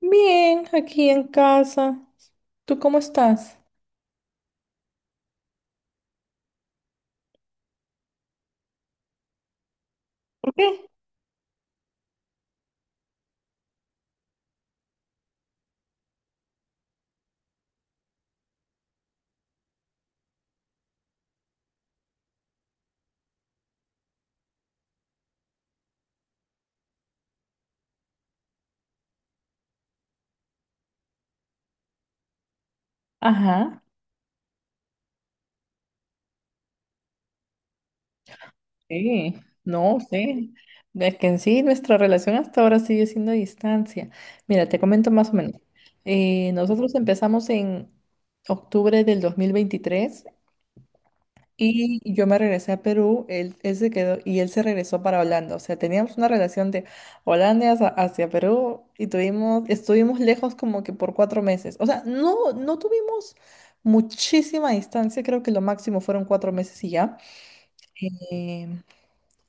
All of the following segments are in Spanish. Bien, aquí en casa. ¿Tú cómo estás? ¿Por qué? Ajá, sí, no sé. Es que en sí nuestra relación hasta ahora sigue siendo a distancia. Mira, te comento más o menos. Nosotros empezamos en octubre del 2023. Y yo me regresé a Perú, él se quedó y él se regresó para Holanda. O sea, teníamos una relación de Holanda hacia Perú y estuvimos lejos como que por 4 meses. O sea, no tuvimos muchísima distancia, creo que lo máximo fueron 4 meses y ya. Eh,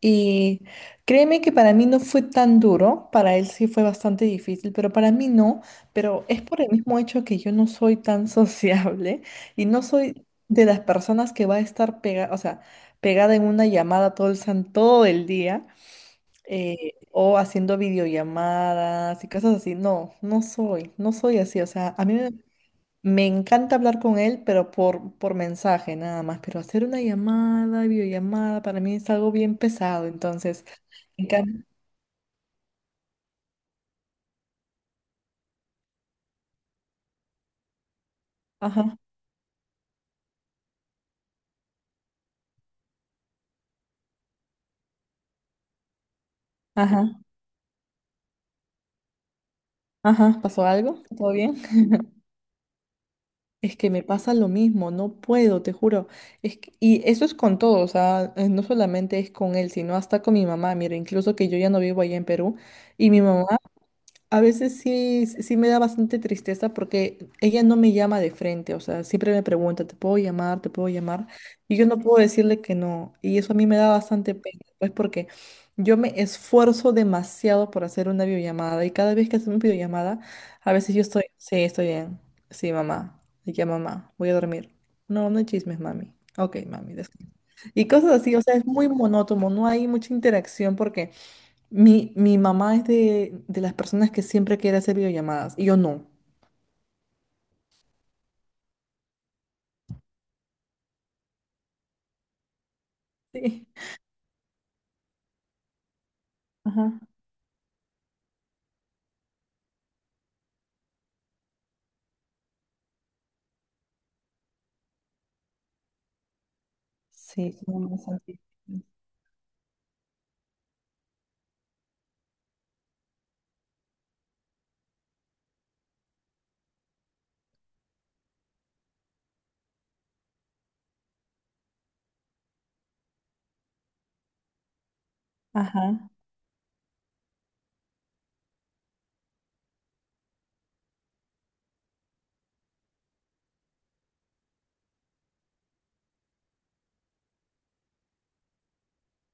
y créeme que para mí no fue tan duro, para él sí fue bastante difícil, pero para mí no, pero es por el mismo hecho que yo no soy tan sociable y no soy de las personas que va a estar pegada, o sea, pegada en una llamada todo el día o haciendo videollamadas y cosas así. No soy, no soy así, o sea, me encanta hablar con él, pero por mensaje nada más, pero hacer una llamada, videollamada, para mí es algo bien pesado, entonces... En cambio, ajá, ajá, ajá, ¿pasó algo? ¿Todo bien? Es que me pasa lo mismo, no puedo, te juro. Es que- y Eso es con todo, o sea, no solamente es con él, sino hasta con mi mamá. Mira, incluso que yo ya no vivo allá en Perú y mi mamá a veces sí, sí me da bastante tristeza porque ella no me llama de frente, o sea, siempre me pregunta, ¿te puedo llamar? ¿Te puedo llamar? Y yo no puedo decirle que no. Y eso a mí me da bastante pena, pues porque yo me esfuerzo demasiado por hacer una videollamada y cada vez que hacemos videollamada, a veces yo estoy, sí, estoy bien, sí, mamá, y ya mamá, voy a dormir. No, no hay chismes, mami. Ok, mami, descansa. Y cosas así, o sea, es muy monótono, no hay mucha interacción porque... Mi mamá es de las personas que siempre quiere hacer videollamadas y yo no. Sí. Ajá. Sí, como más antiguo. Ajá.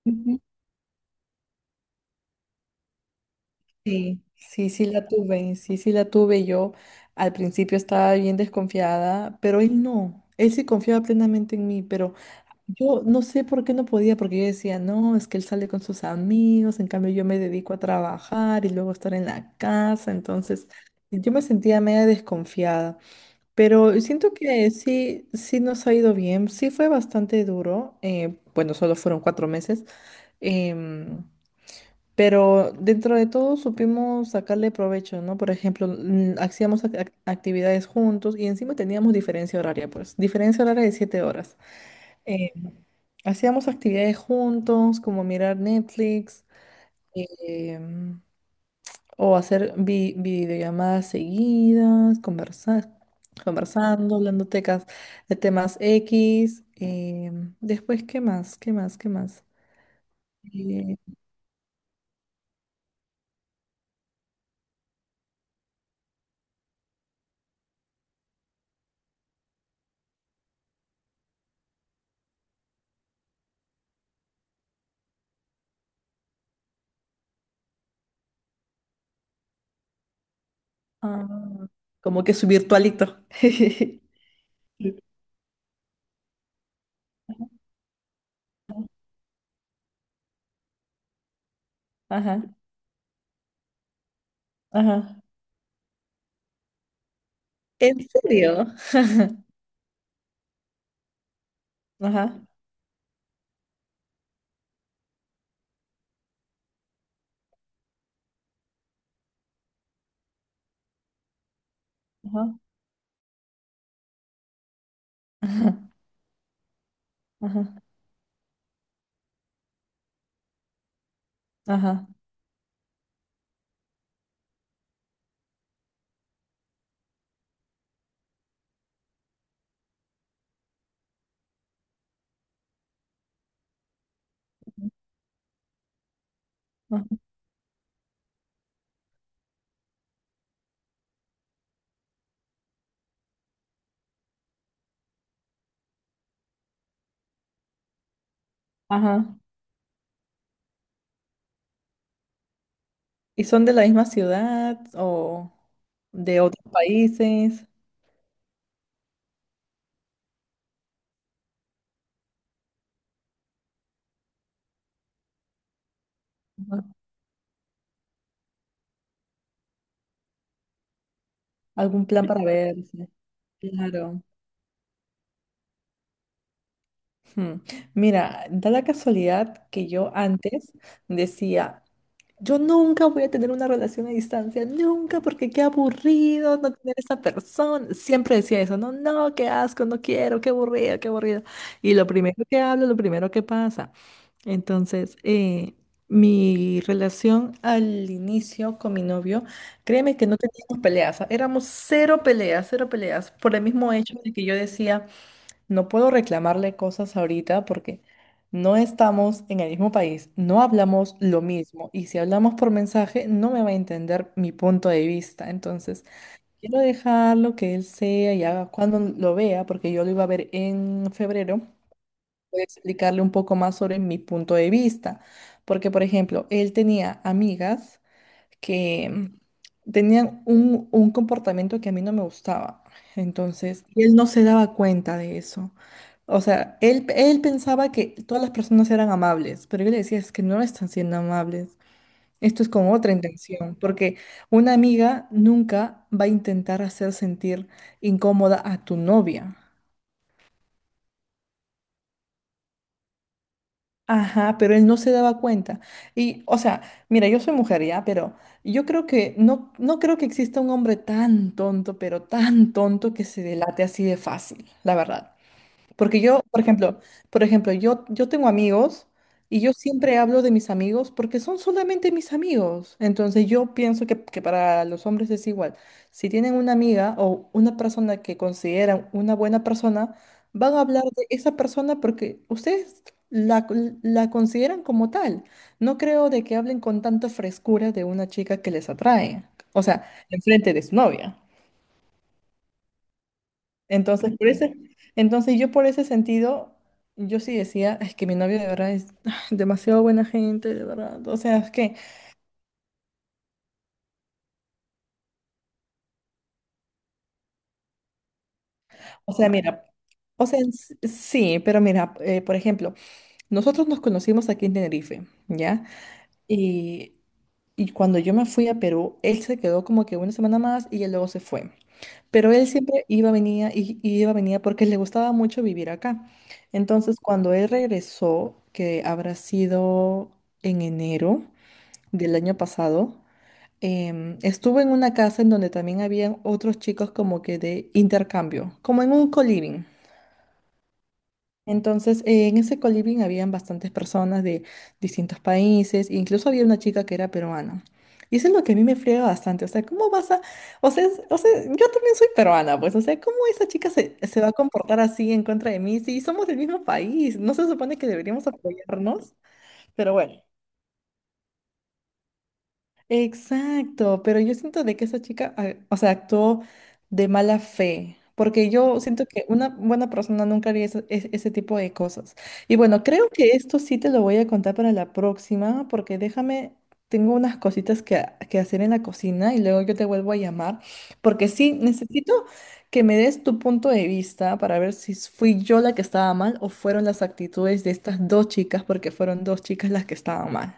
Ujú. Sí, sí, sí la tuve, sí, sí la tuve. Yo al principio estaba bien desconfiada, pero él no. Él sí confiaba plenamente en mí, pero yo no sé por qué no podía, porque yo decía, no, es que él sale con sus amigos, en cambio yo me dedico a trabajar y luego estar en la casa, entonces yo me sentía media desconfiada. Pero siento que sí, sí nos ha ido bien, sí fue bastante duro, bueno, solo fueron 4 meses, em, pero dentro de todo supimos sacarle provecho, ¿no? Por ejemplo, hacíamos actividades juntos y encima teníamos diferencia horaria, pues, diferencia horaria de 7 horas. Eh, hacíamos actividades juntos, como mirar Netflix. em, O hacer videollamadas seguidas, conversando, hablando tecas de temas X. Después, ¿qué más? ¿Qué más? ¿Qué más? Eh, ah, como que su virtualito. Sí. Ajá, ajá. ¿En serio? Ajá, ajá, ajá, ajá, ajá, ajá. Ajá. ¿Y son de la misma ciudad o de otros países? Ajá. ¿Algún plan para verse? Claro. Hmm. Mira, da la casualidad que yo antes decía, yo nunca voy a tener una relación a distancia, nunca, porque qué aburrido no tener esa persona. Siempre decía eso, no, no, qué asco, no quiero, qué aburrido, qué aburrido. Y lo primero que hablo, lo primero que pasa. Entonces, mi relación al inicio con mi novio, créeme que no teníamos peleas, o sea, éramos cero peleas, por el mismo hecho de que yo decía... No puedo reclamarle cosas ahorita porque no estamos en el mismo país, no hablamos lo mismo y si hablamos por mensaje no me va a entender mi punto de vista. Entonces, quiero dejarlo que él sea y haga cuando lo vea, porque yo lo iba a ver en febrero, voy a explicarle un poco más sobre mi punto de vista. Porque, por ejemplo, él tenía amigas que tenían un comportamiento que a mí no me gustaba. Entonces, y él no se daba cuenta de eso. O sea, él pensaba que todas las personas eran amables, pero yo le decía, es que no están siendo amables. Esto es con otra intención, porque una amiga nunca va a intentar hacer sentir incómoda a tu novia. Ajá, pero él no se daba cuenta. Y, o sea, mira, yo soy mujer ya, pero yo creo que no, no creo que exista un hombre tan tonto, pero tan tonto que se delate así de fácil, la verdad. Porque yo, por ejemplo, yo, tengo amigos y yo siempre hablo de mis amigos porque son solamente mis amigos. Entonces yo pienso que para los hombres es igual. Si tienen una amiga o una persona que consideran una buena persona, van a hablar de esa persona porque ustedes la, la consideran como tal. No creo de que hablen con tanta frescura de una chica que les atrae. O sea, enfrente de su novia. Entonces, por ese, entonces yo por ese sentido, yo sí decía, es que mi novio de verdad es ah, demasiado buena gente, de verdad. O sea, es que, o sea, mira, o sea, sí, pero mira, por ejemplo, nosotros nos conocimos aquí en Tenerife, ¿ya? Y, y cuando yo me fui a Perú, él se quedó como que una semana más y él luego se fue. Pero él siempre iba, venía, y iba, venía porque le gustaba mucho vivir acá. Entonces, cuando él regresó, que habrá sido en enero, del año pasado, estuve en una casa en donde también habían otros chicos como que de intercambio, como en un co-living. Entonces, en ese co-living habían bastantes personas de distintos países, incluso había una chica que era peruana. Y eso es lo que a mí me friega bastante, o sea, ¿cómo vas a...? O sea, o sea, yo también soy peruana, pues, o sea, ¿cómo esa chica se va a comportar así en contra de mí si somos del mismo país? ¿No se supone que deberíamos apoyarnos? Pero bueno. Exacto, pero yo siento de que esa chica, ah, o sea, actuó de mala fe, porque yo siento que una buena persona nunca haría ese tipo de cosas. Y bueno, creo que esto sí te lo voy a contar para la próxima, porque déjame, tengo unas cositas que hacer en la cocina y luego yo te vuelvo a llamar, porque sí, necesito que me des tu punto de vista para ver si fui yo la que estaba mal o fueron las actitudes de estas dos chicas, porque fueron dos chicas las que estaban mal.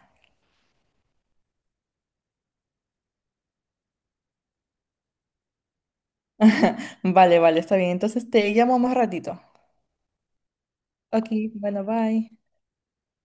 Vale, vale, está bien. Entonces te llamo más ratito. Ok, bueno, bye.